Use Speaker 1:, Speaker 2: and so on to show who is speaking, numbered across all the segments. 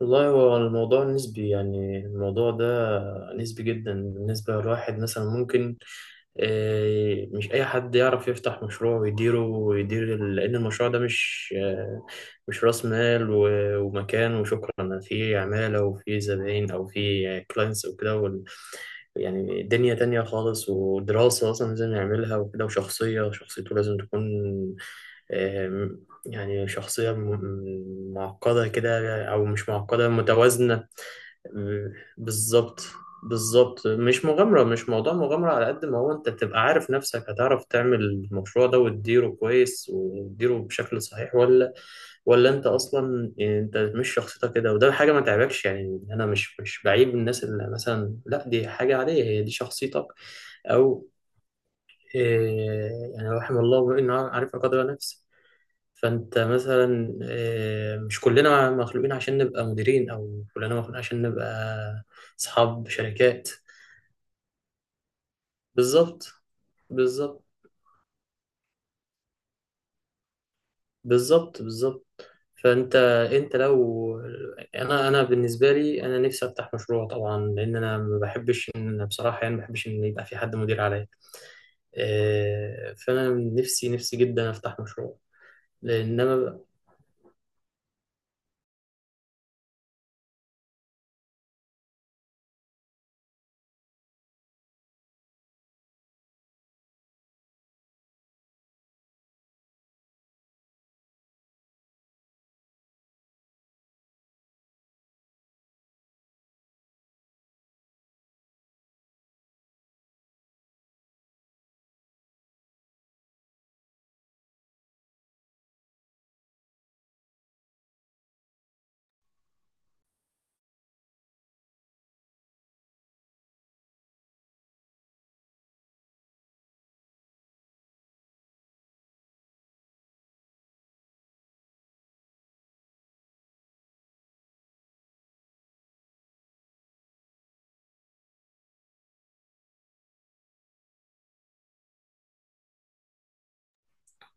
Speaker 1: والله هو الموضوع نسبي، يعني الموضوع ده نسبي جدا. بالنسبة لواحد مثلا ممكن مش أي حد يعرف يفتح مشروع ويديره ويدير لأن المشروع ده مش رأس مال ومكان وشكرا، فيه عمالة وفيه زباين أو فيه كلاينتس وكده يعني دنيا تانية خالص، ودراسة أصلا لازم يعملها وكده. وشخصية شخصيته لازم تكون يعني شخصية معقدة كده، أو مش معقدة، متوازنة. آم، بالظبط. بالظبط، مش موضوع مغامرة، على قد ما هو أنت تبقى عارف نفسك هتعرف تعمل المشروع ده وتديره كويس وتديره بشكل صحيح، ولا أنت أصلا يعني أنت مش شخصيتك كده. وده حاجة ما تعبكش، يعني أنا مش بعيب الناس اللي مثلا، لا دي حاجة عادية، هي دي شخصيتك. أو آه، يعني رحم الله إنه عارف قدر نفسه. فانت مثلا مش كلنا مخلوقين عشان نبقى مديرين، او كلنا مخلوقين عشان نبقى اصحاب شركات. بالظبط، بالظبط، بالظبط. بالظبط، فانت انت لو انا بالنسبه لي انا نفسي افتح مشروع طبعا، لان انا ما بحبش ان انا، بصراحه، يعني ما بحبش ان يبقى في حد مدير عليا. فانا نفسي، نفسي جدا افتح مشروع، لان انا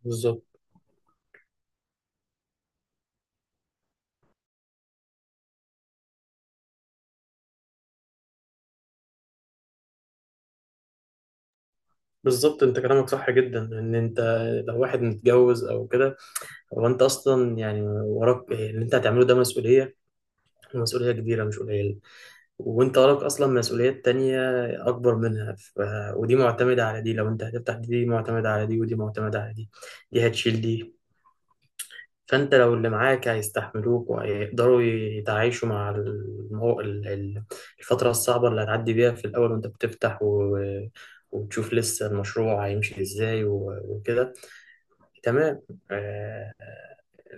Speaker 1: بالظبط، بالظبط. انت كلامك صح جدا، ان انت لو واحد متجوز او كده، هو انت اصلا يعني وراك اللي انت هتعمله ده مسؤوليه، ومسؤوليه كبيره مش قليله. وانت وراك اصلا مسؤوليات تانية اكبر منها. ودي معتمده على دي، لو انت هتفتح دي معتمده على دي، ودي معتمده على دي، دي هتشيل دي. فانت لو اللي معاك هيستحملوك وهيقدروا يتعايشوا مع الفتره الصعبه اللي هتعدي بيها في الاول وانت بتفتح، وتشوف لسه المشروع هيمشي ازاي وكده، تمام. آه،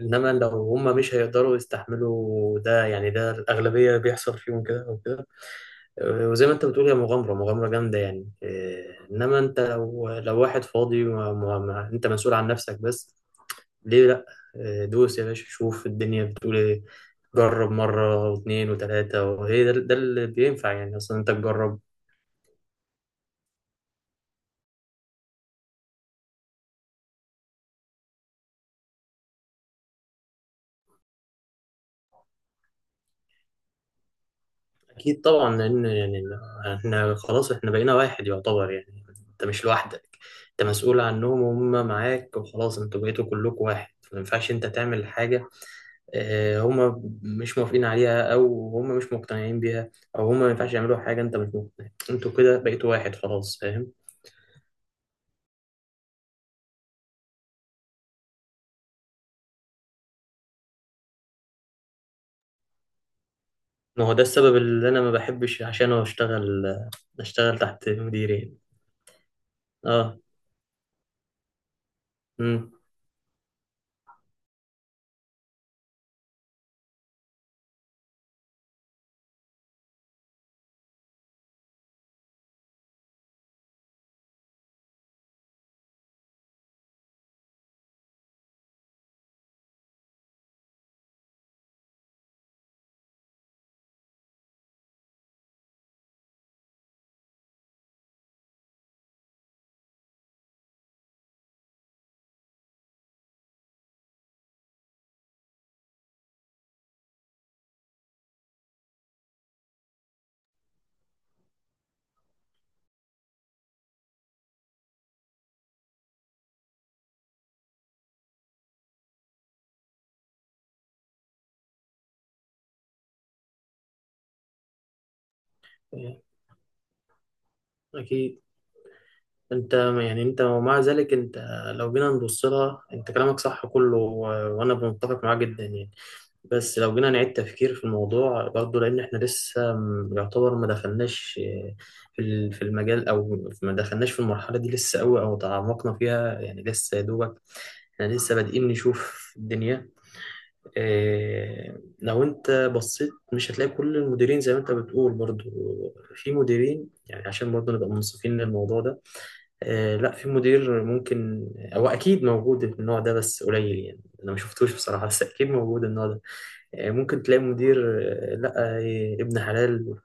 Speaker 1: انما لو هم مش هيقدروا يستحملوا ده، يعني ده الاغلبيه بيحصل فيهم كده او كده. وزي ما انت بتقول، هي مغامره، مغامره جامده يعني. انما انت لو واحد فاضي، ما ما ما انت مسؤول عن نفسك بس، ليه لا؟ دوس يا باشا، شوف الدنيا بتقول ايه. جرب مره واثنين وثلاثه، وهي ده اللي بينفع، يعني اصلا انت تجرب. اكيد طبعا، لان يعني احنا خلاص، احنا بقينا واحد يعتبر يعني، انت مش لوحدك. انت مسؤول عنهم وهم معاك، وخلاص انتوا بقيتوا كلكم واحد، ما ينفعش انت تعمل حاجه هم مش موافقين عليها، او هم مش مقتنعين بيها، او هم ما ينفعش يعملوا حاجه انت مش مقتنع. انتوا كده بقيتوا واحد، خلاص، فاهم؟ ما هو ده السبب اللي انا ما بحبش عشانه اشتغل، تحت مديرين. اه. امم. اكيد. انت، يعني انت ومع ذلك انت، لو جينا نبص لها انت كلامك صح كله، وانا متفق معاه جدا يعني. بس لو جينا نعيد تفكير في الموضوع برضه، لان احنا لسه يعتبر ما دخلناش في في المجال، او ما دخلناش في المرحله دي لسه قوي، او تعمقنا فيها، يعني لسه يا دوبك احنا لسه بادئين نشوف الدنيا. اه، لو انت بصيت مش هتلاقي كل المديرين زي ما انت بتقول برضه. في مديرين، يعني عشان برضه نبقى منصفين للموضوع ده. لا، في مدير ممكن، هو اكيد موجود النوع ده، بس قليل يعني، انا ما شفتوش بصراحه، بس اكيد موجود النوع ده. ممكن تلاقي مدير، لا، ابن حلال،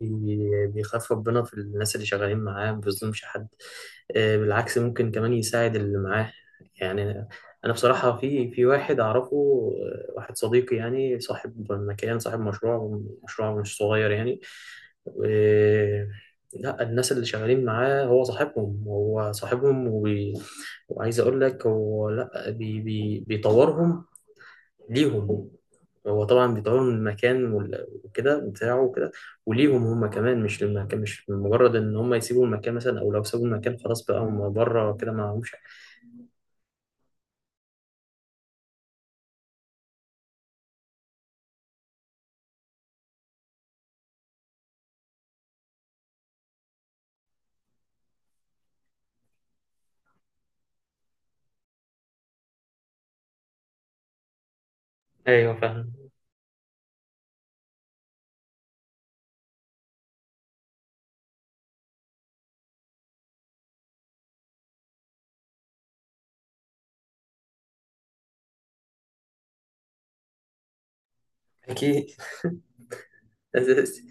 Speaker 1: بيخاف ربنا في الناس اللي شغالين معاه، ما بيظلمش حد. بالعكس، ممكن كمان يساعد اللي معاه يعني. انا بصراحة في واحد اعرفه، واحد صديقي يعني، صاحب مكان، صاحب مشروع مش صغير يعني. آه، لا، الناس اللي شغالين معاه، هو صاحبهم، هو صاحبهم، وعايز اقول لك، هو لا بيطورهم ليهم. هو طبعا بيطوروا من المكان وكده بتاعه وكده، وليهم هم كمان، مش للمكان، مش مجرد ان هم يسيبوا المكان مثلا، او لو سابوا المكان خلاص بقى هم بره كده ما همش. ايوه، فاهم. اكيد أساسي.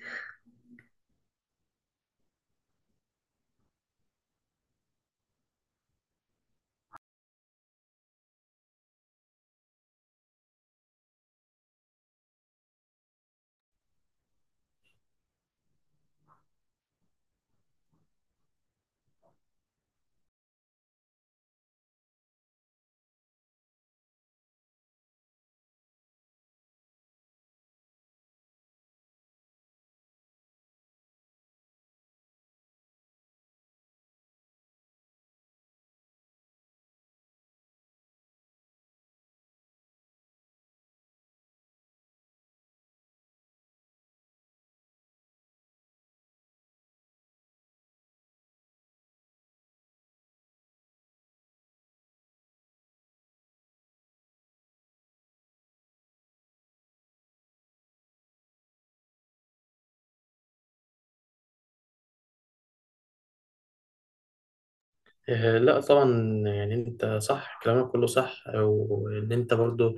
Speaker 1: لا طبعا، يعني انت صح، كلامك كله صح، وان انت برضو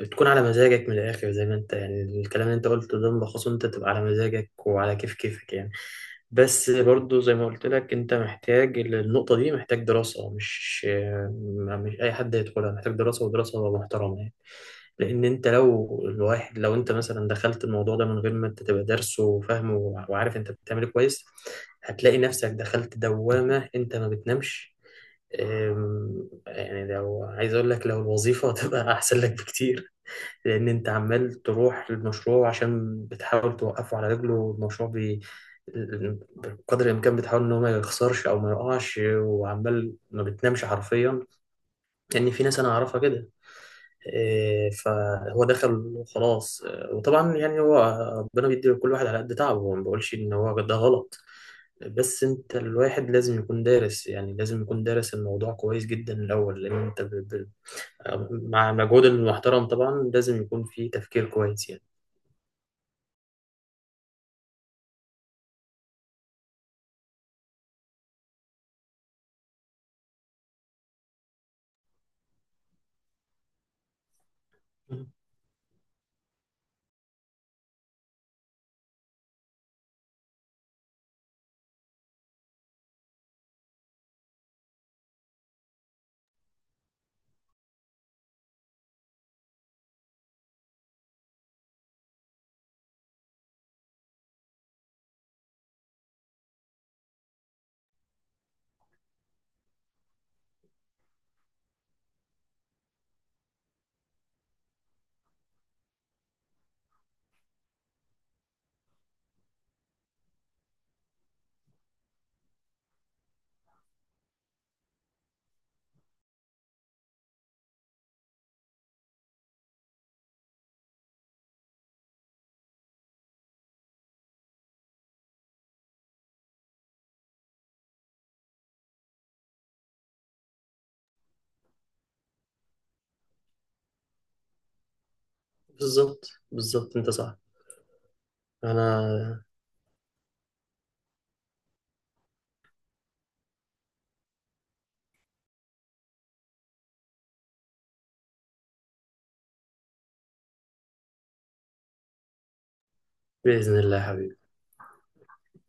Speaker 1: بتكون على مزاجك من الآخر. زي ما أنت يعني، الكلام اللي أنت قلته ده ملخصه أنت تبقى على مزاجك وعلى كيف كيفك يعني. بس برضو زي ما قلت لك، أنت محتاج النقطة دي، محتاج دراسة، مش أي حد يدخلها، محتاج دراسة، ودراسة محترمة يعني. لأن أنت لو، الواحد لو أنت مثلا دخلت الموضوع ده من غير ما أنت تبقى دارسه وفاهمه، وعارف أنت بتعمل إيه كويس، هتلاقي نفسك دخلت دوامة أنت ما بتنامش. يعني لو عايز أقول لك، لو الوظيفة هتبقى أحسن لك بكتير. لأن أنت عمال تروح للمشروع عشان بتحاول توقفه على رجله، والمشروع بقدر الإمكان بتحاول إن هو ما يخسرش أو ما يقعش، وعمال ما بتنامش حرفيا، لأن في ناس أنا أعرفها كده. فهو دخل وخلاص، وطبعا يعني هو، ربنا بيدي لكل واحد على قد تعبه، وما بقولش إن هو ده غلط. بس أنت الواحد لازم يكون دارس، يعني لازم يكون دارس الموضوع كويس جدا الأول، لأن أنت مع مجهود المحترم طبعا، لازم يكون في تفكير كويس يعني. بالظبط، بالظبط، انت صح. انا باذن الله يا حبيبي.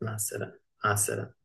Speaker 1: مع السلامه، مع السلامه.